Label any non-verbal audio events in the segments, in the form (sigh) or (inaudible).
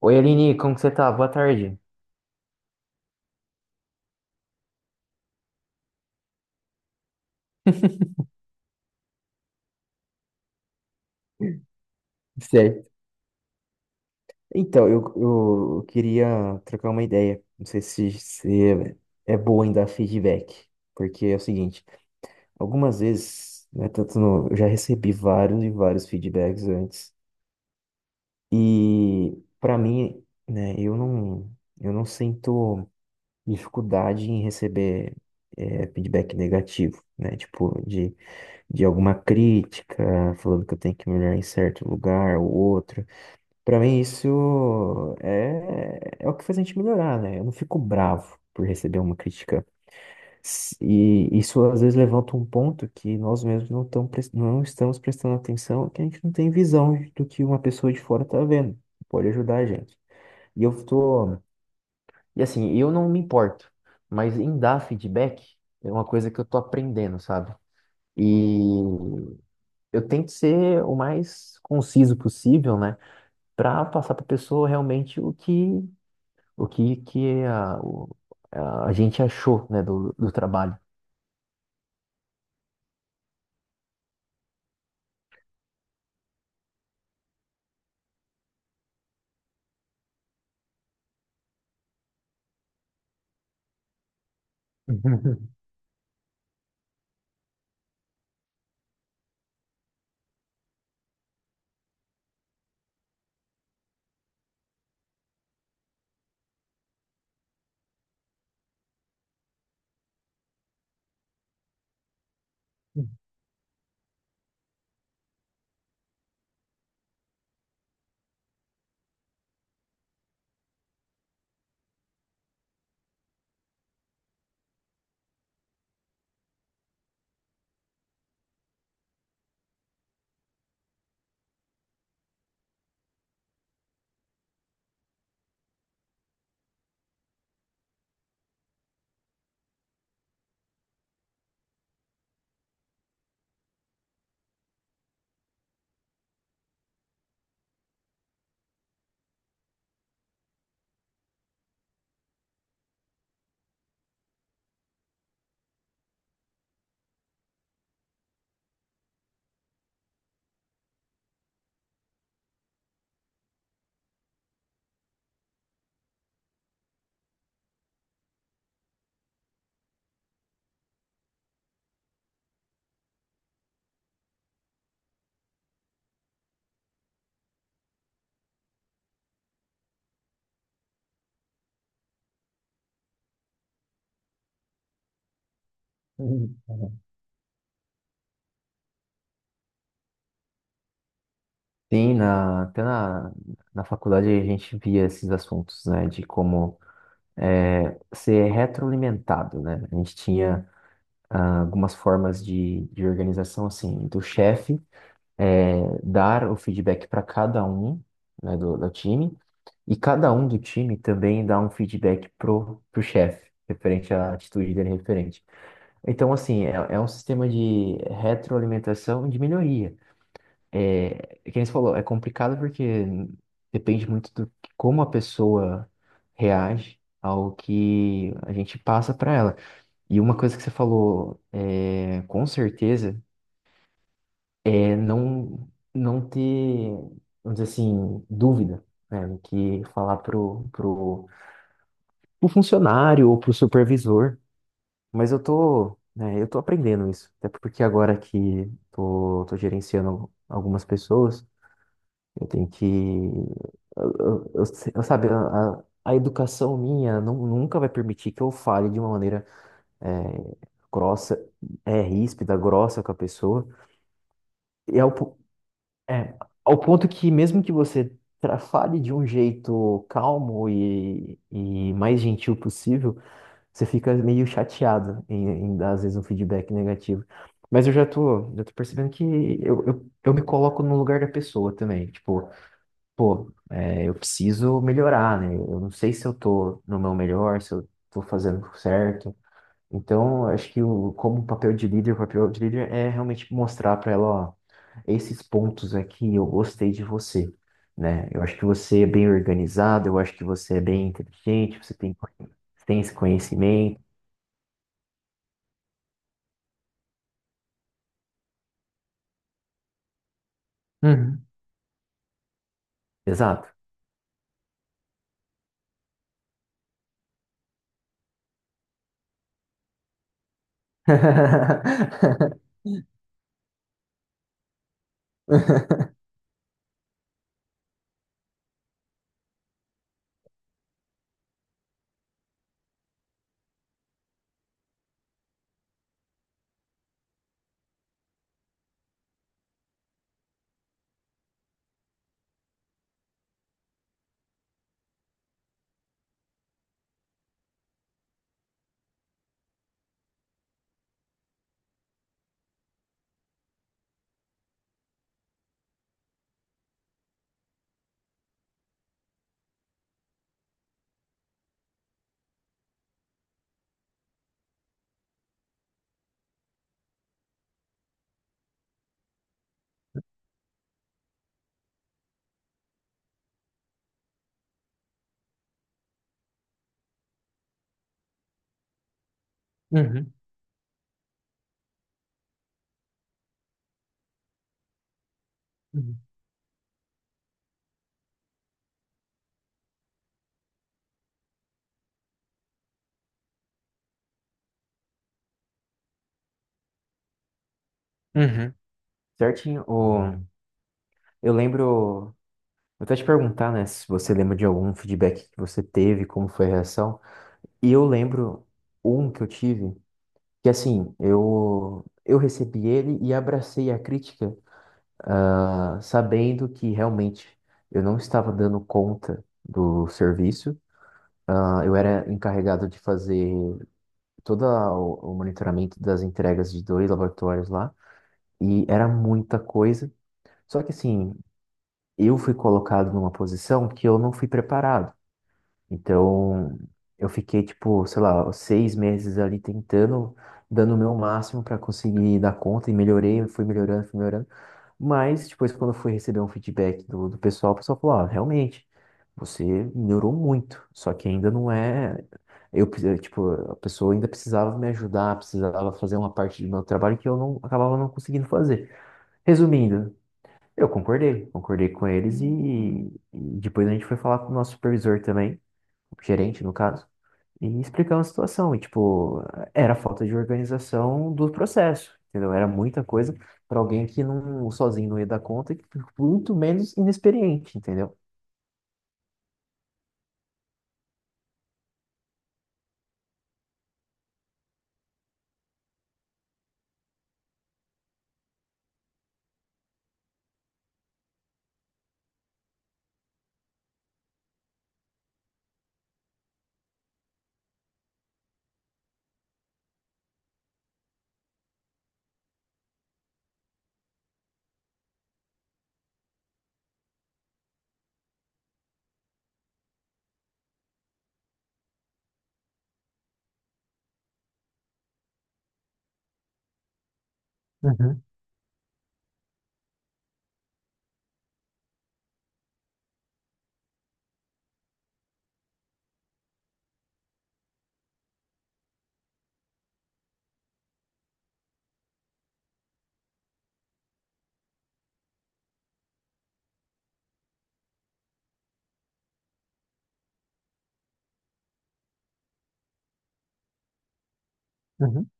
Oi, Aline, como que você tá? Boa tarde. Certo. Então, eu queria trocar uma ideia. Não sei se é bom em dar feedback. Porque é o seguinte, algumas vezes, né, tanto no- eu já recebi vários e vários feedbacks antes. E para mim, né, eu não sinto dificuldade em receber feedback negativo, né? Tipo, de alguma crítica, falando que eu tenho que melhorar em certo lugar ou outro. Pra mim, isso é o que faz a gente melhorar, né? Eu não fico bravo por receber uma crítica. E isso às vezes levanta um ponto que nós mesmos não estamos prestando atenção, que a gente não tem visão do que uma pessoa de fora tá vendo. Pode ajudar a gente. E eu tô. E assim, eu não me importo, mas em dar feedback é uma coisa que eu tô aprendendo, sabe? E eu tento ser o mais conciso possível, né? Para passar para a pessoa realmente o que a gente achou, né, do trabalho. (laughs) Sim, na faculdade a gente via esses assuntos, né, de como ser retroalimentado, né? A gente tinha ah, algumas formas de organização, assim, do chefe dar o feedback para cada um, né, do time, e cada um do time também dá um feedback pro chefe, referente à atitude dele, referente. Então, assim, é um sistema de retroalimentação e de melhoria. É, é que nem você falou, é complicado porque depende muito do que- como a pessoa reage ao que a gente passa para ela. E uma coisa que você falou, é, com certeza, é não ter, vamos dizer assim, dúvida, né, no que falar pro funcionário ou pro supervisor. Mas eu tô, né, eu tô aprendendo isso. Até porque agora que tô gerenciando algumas pessoas, eu tenho que. Eu se- eu sabe, a educação minha nunca vai permitir que eu fale de uma maneira é, grossa, é, ríspida, grossa com a pessoa. E é, ao ponto que, mesmo que você fale de um jeito calmo e mais gentil possível, você fica meio chateado em, em dar, às vezes, um feedback negativo. Mas eu já tô percebendo que eu me coloco no lugar da pessoa também. Tipo, pô, é, eu preciso melhorar, né? Eu não sei se eu tô no meu melhor, se eu tô fazendo certo. Então, eu acho que como um papel de líder, o papel de líder é realmente mostrar pra ela, ó, esses pontos aqui eu gostei de você, né? Eu acho que você é bem organizado, eu acho que você é bem inteligente, tem esse conhecimento. Uhum. Exato. (laughs) Uhum. Uhum. Uhum. Certinho. O... Eu lembro. Eu até te perguntar, né, se você lembra de algum feedback que você teve, como foi a reação. E eu lembro um que eu tive, que assim, eu recebi ele e abracei a crítica, ah, sabendo que realmente eu não estava dando conta do serviço. Ah, eu era encarregado de fazer todo o monitoramento das entregas de 2 laboratórios lá, e era muita coisa. Só que assim, eu fui colocado numa posição que eu não fui preparado. Então, eu fiquei, tipo, sei lá, 6 meses ali tentando, dando o meu máximo para conseguir dar conta, e melhorei, fui melhorando, fui melhorando. Mas depois, quando eu fui receber um feedback do pessoal, o pessoal falou, ó, realmente, você melhorou muito, só que ainda não é... Eu, tipo, a pessoa ainda precisava me ajudar, precisava fazer uma parte do meu trabalho que eu não acabava não conseguindo fazer. Resumindo, concordei com eles e depois a gente foi falar com o nosso supervisor também, gerente no caso, e explicando a situação. E, tipo, era falta de organização do processo, entendeu? Era muita coisa para alguém que não sozinho não ia dar conta e muito menos inexperiente, entendeu? Uhum, uhum,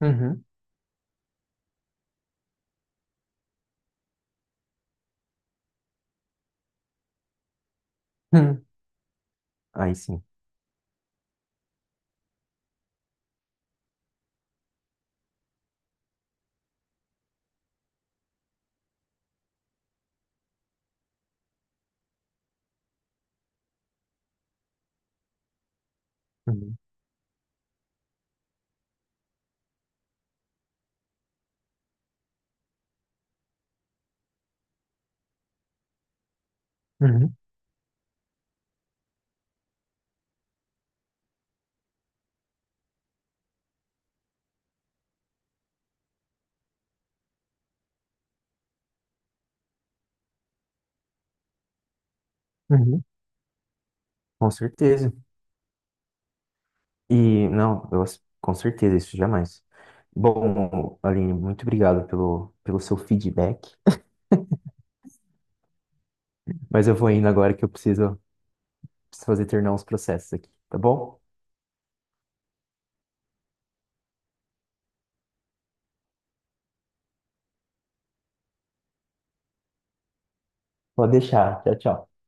uhum, uhum, aí sim, uhum, uhum, uhum. Com certeza. E não, com certeza isso jamais. Bom, Aline, muito obrigado pelo seu feedback. (laughs) Mas eu vou indo agora que eu preciso, preciso fazer terminar uns processos aqui, tá bom? Pode deixar. Tchau, tchau.